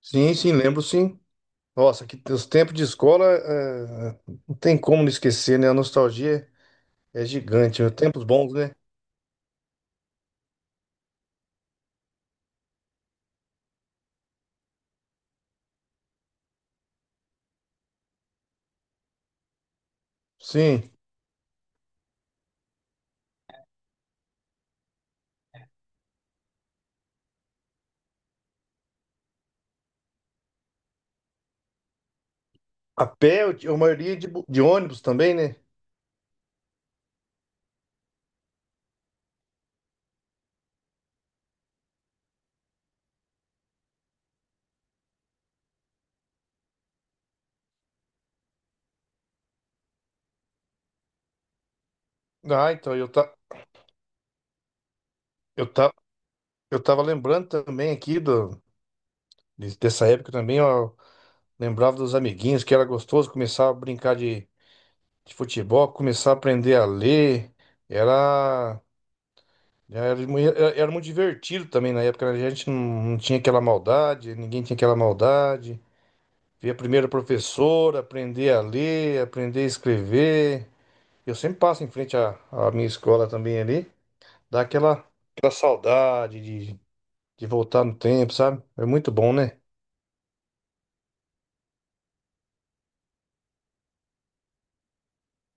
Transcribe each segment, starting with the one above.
Sim, sim, lembro sim. Nossa, que os tempos de escola, não tem como não esquecer, né? A nostalgia é gigante, né? Tempos bons, né? Sim. A pé, a maioria de ônibus também, né? Ah, então, eu, tá, eu, tá, eu tava lembrando também aqui dessa época também, ó, lembrava dos amiguinhos, que era gostoso começar a brincar de futebol, começar a aprender a ler, era... era, muito divertido também na época, né? A gente não, não tinha aquela maldade, ninguém tinha aquela maldade. Ver a primeira professora, aprender a ler, aprender a escrever. Eu sempre passo em frente à minha escola também ali, dá aquela saudade de voltar no tempo, sabe? É muito bom, né?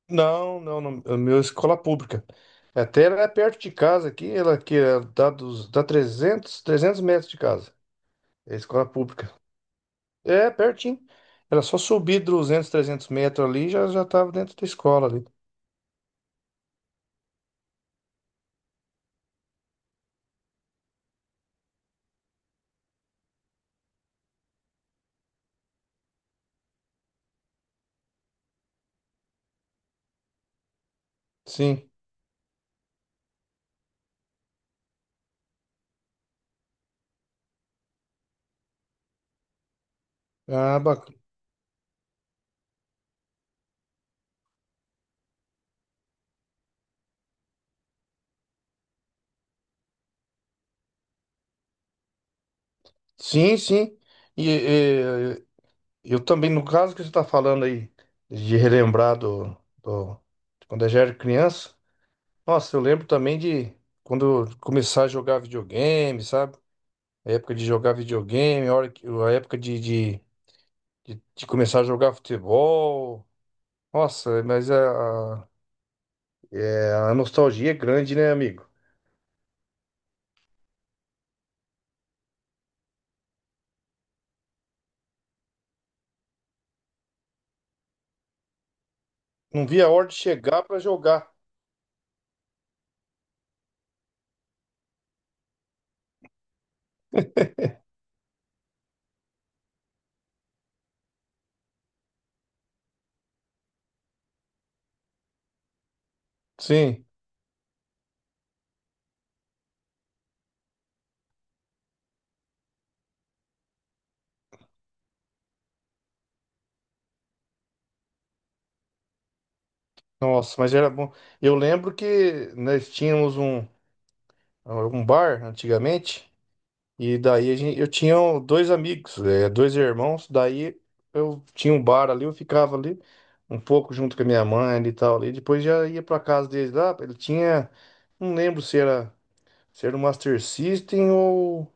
Não, não, não, a minha escola pública. Até ela é perto de casa aqui, ela que é dá 300 300 metros de casa. É escola pública. É, pertinho. Era só subir 200, 300 metros ali, já já tava dentro da escola ali. Sim. Ah, bacana. Sim, sim. E, eh, eu também, no caso que você está falando aí, de relembrar do- de quando eu já era criança. Nossa, eu lembro também de quando eu começar a jogar videogame, sabe? A época de jogar videogame, a época de começar a jogar futebol. Nossa, mas a nostalgia é grande, né, amigo? Não via a hora de chegar para jogar. Sim, nossa, mas era bom. Eu lembro que nós tínhamos um bar antigamente, e daí a gente, eu tinha dois amigos, dois irmãos, daí eu tinha um bar ali, eu ficava ali um pouco junto com a minha mãe ali e tal, ali, depois já ia para casa deles lá, ele tinha, não lembro se era, se era o Master System ou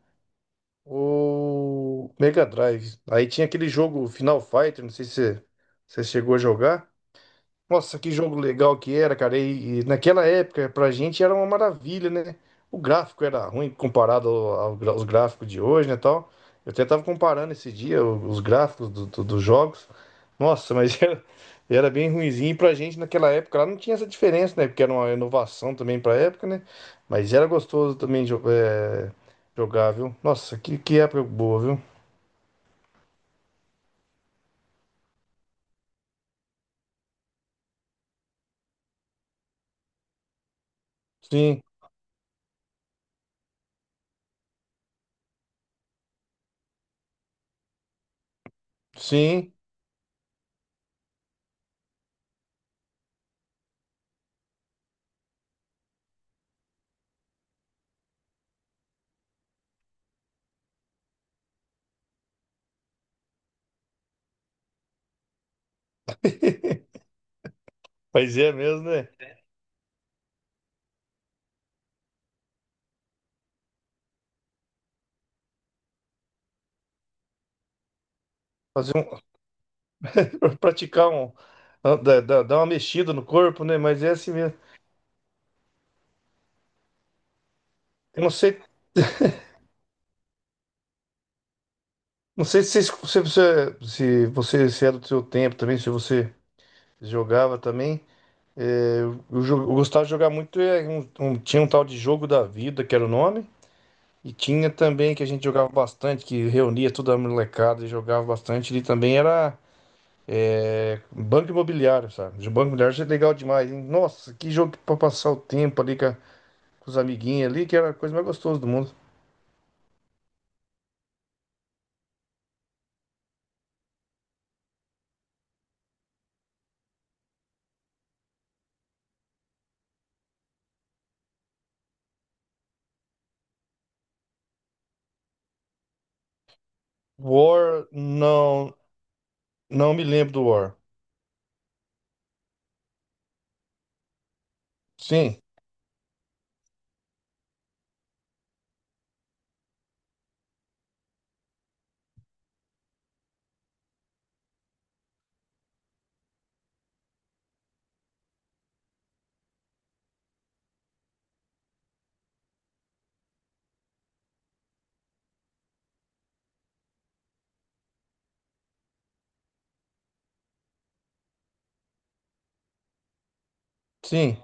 o Mega Drive. Aí tinha aquele jogo Final Fighter, não sei se você chegou a jogar. Nossa, que jogo legal que era, cara. E naquela época, pra gente era uma maravilha, né? O gráfico era ruim comparado aos gráficos de hoje, né, tal. Eu até tava comparando esse dia os gráficos dos jogos. Nossa, mas era bem ruinzinho. E pra gente naquela época lá não tinha essa diferença, né? Porque era uma inovação também pra época, né? Mas era gostoso também jogar, viu? Nossa, que época boa, viu? Sim, sim. Mas é mesmo, né? Fazer um- praticar um. Dar uma mexida no corpo, né? Mas é assim mesmo. Eu não sei, não sei se, você, se, você se você se era do seu tempo também, se você jogava também. É, eu gostava de jogar muito. Tinha um tal de Jogo da Vida, que era o nome. E tinha também que a gente jogava bastante, que reunia toda a molecada e jogava bastante. E também era Banco Imobiliário, sabe? O Banco Imobiliário é legal demais, hein? Nossa, que jogo pra passar o tempo com os amiguinhos ali, que era a coisa mais gostosa do mundo. War, não, não me lembro do War. Sim, sim.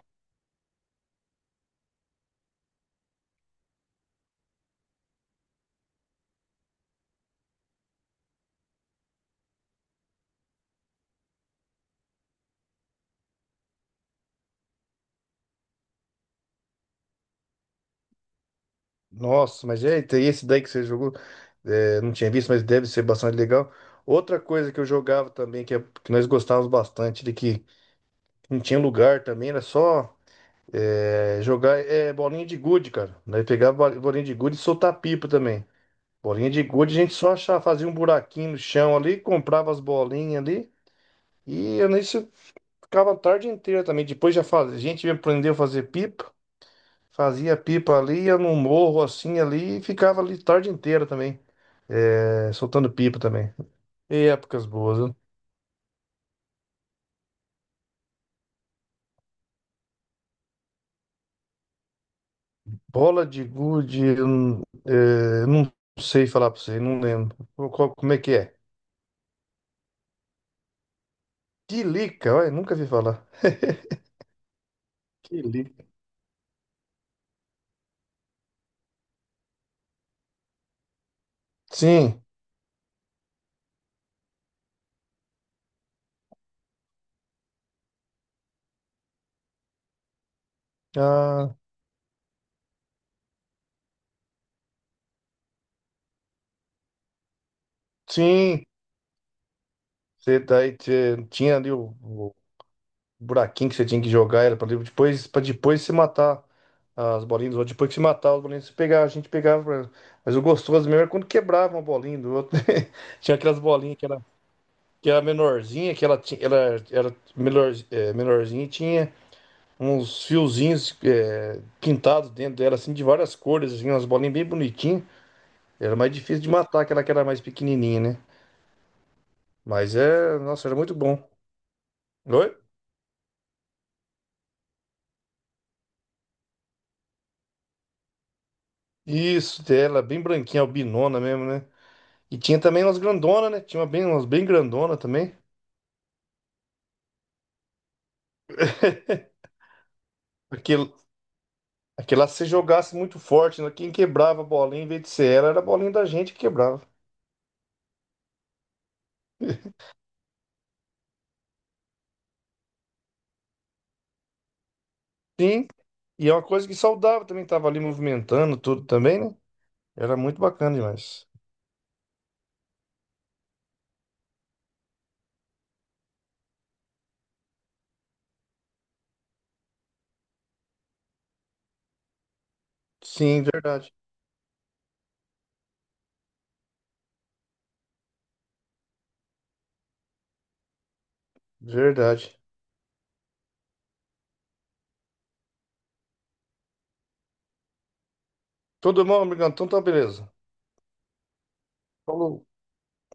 Nossa, mas eita, e esse daí que você jogou, não tinha visto, mas deve ser bastante legal. Outra coisa que eu jogava também, que nós gostávamos bastante, de que não tinha lugar também, era só bolinha de gude, cara. Nós pegava bolinha de gude e soltar pipa também. Bolinha de gude, a gente só achava, fazia um buraquinho no chão ali, comprava as bolinhas ali, e eu nisso ficava a tarde inteira também. Depois já fazia, a gente aprendeu a fazer pipa. Fazia pipa ali, ia num morro assim ali e ficava ali tarde inteira também, soltando pipa também. E épocas boas, né? Bola de gude, eu não é, não sei falar pra você, não lembro. Como é que é? Tilica, olha, nunca vi falar. Que lindo. Sim, ah, sim. Você daí tinha ali buraquinho que você tinha que jogar era para depois se matar as bolinhas do outro. Depois que se matar as bolinhas, você pegava, a gente pegava. Pra- Mas o gostoso mesmo era quando quebrava uma bolinha do outro. Tinha aquelas bolinhas que era menorzinha, ela era melhor, menorzinha e tinha uns fiozinhos pintados dentro dela, assim, de várias cores, assim, umas bolinhas bem bonitinhas. Era mais difícil de matar aquela que era mais pequenininha, né? Mas é, nossa, era muito bom. Oi? Isso, ela é bem branquinha, albinona mesmo, né? E tinha também umas grandona, né? Tinha uma bem, umas bem grandona também. Porque aquela lá, se você jogasse muito forte, né? Quem quebrava a bolinha em vez de ser ela, era a bolinha da gente que quebrava. Sim, e é uma coisa que saudava também, tava ali movimentando tudo também, né? Era muito bacana demais. Sim, verdade, verdade. Tudo bom, amigão? Então tá beleza. Falou.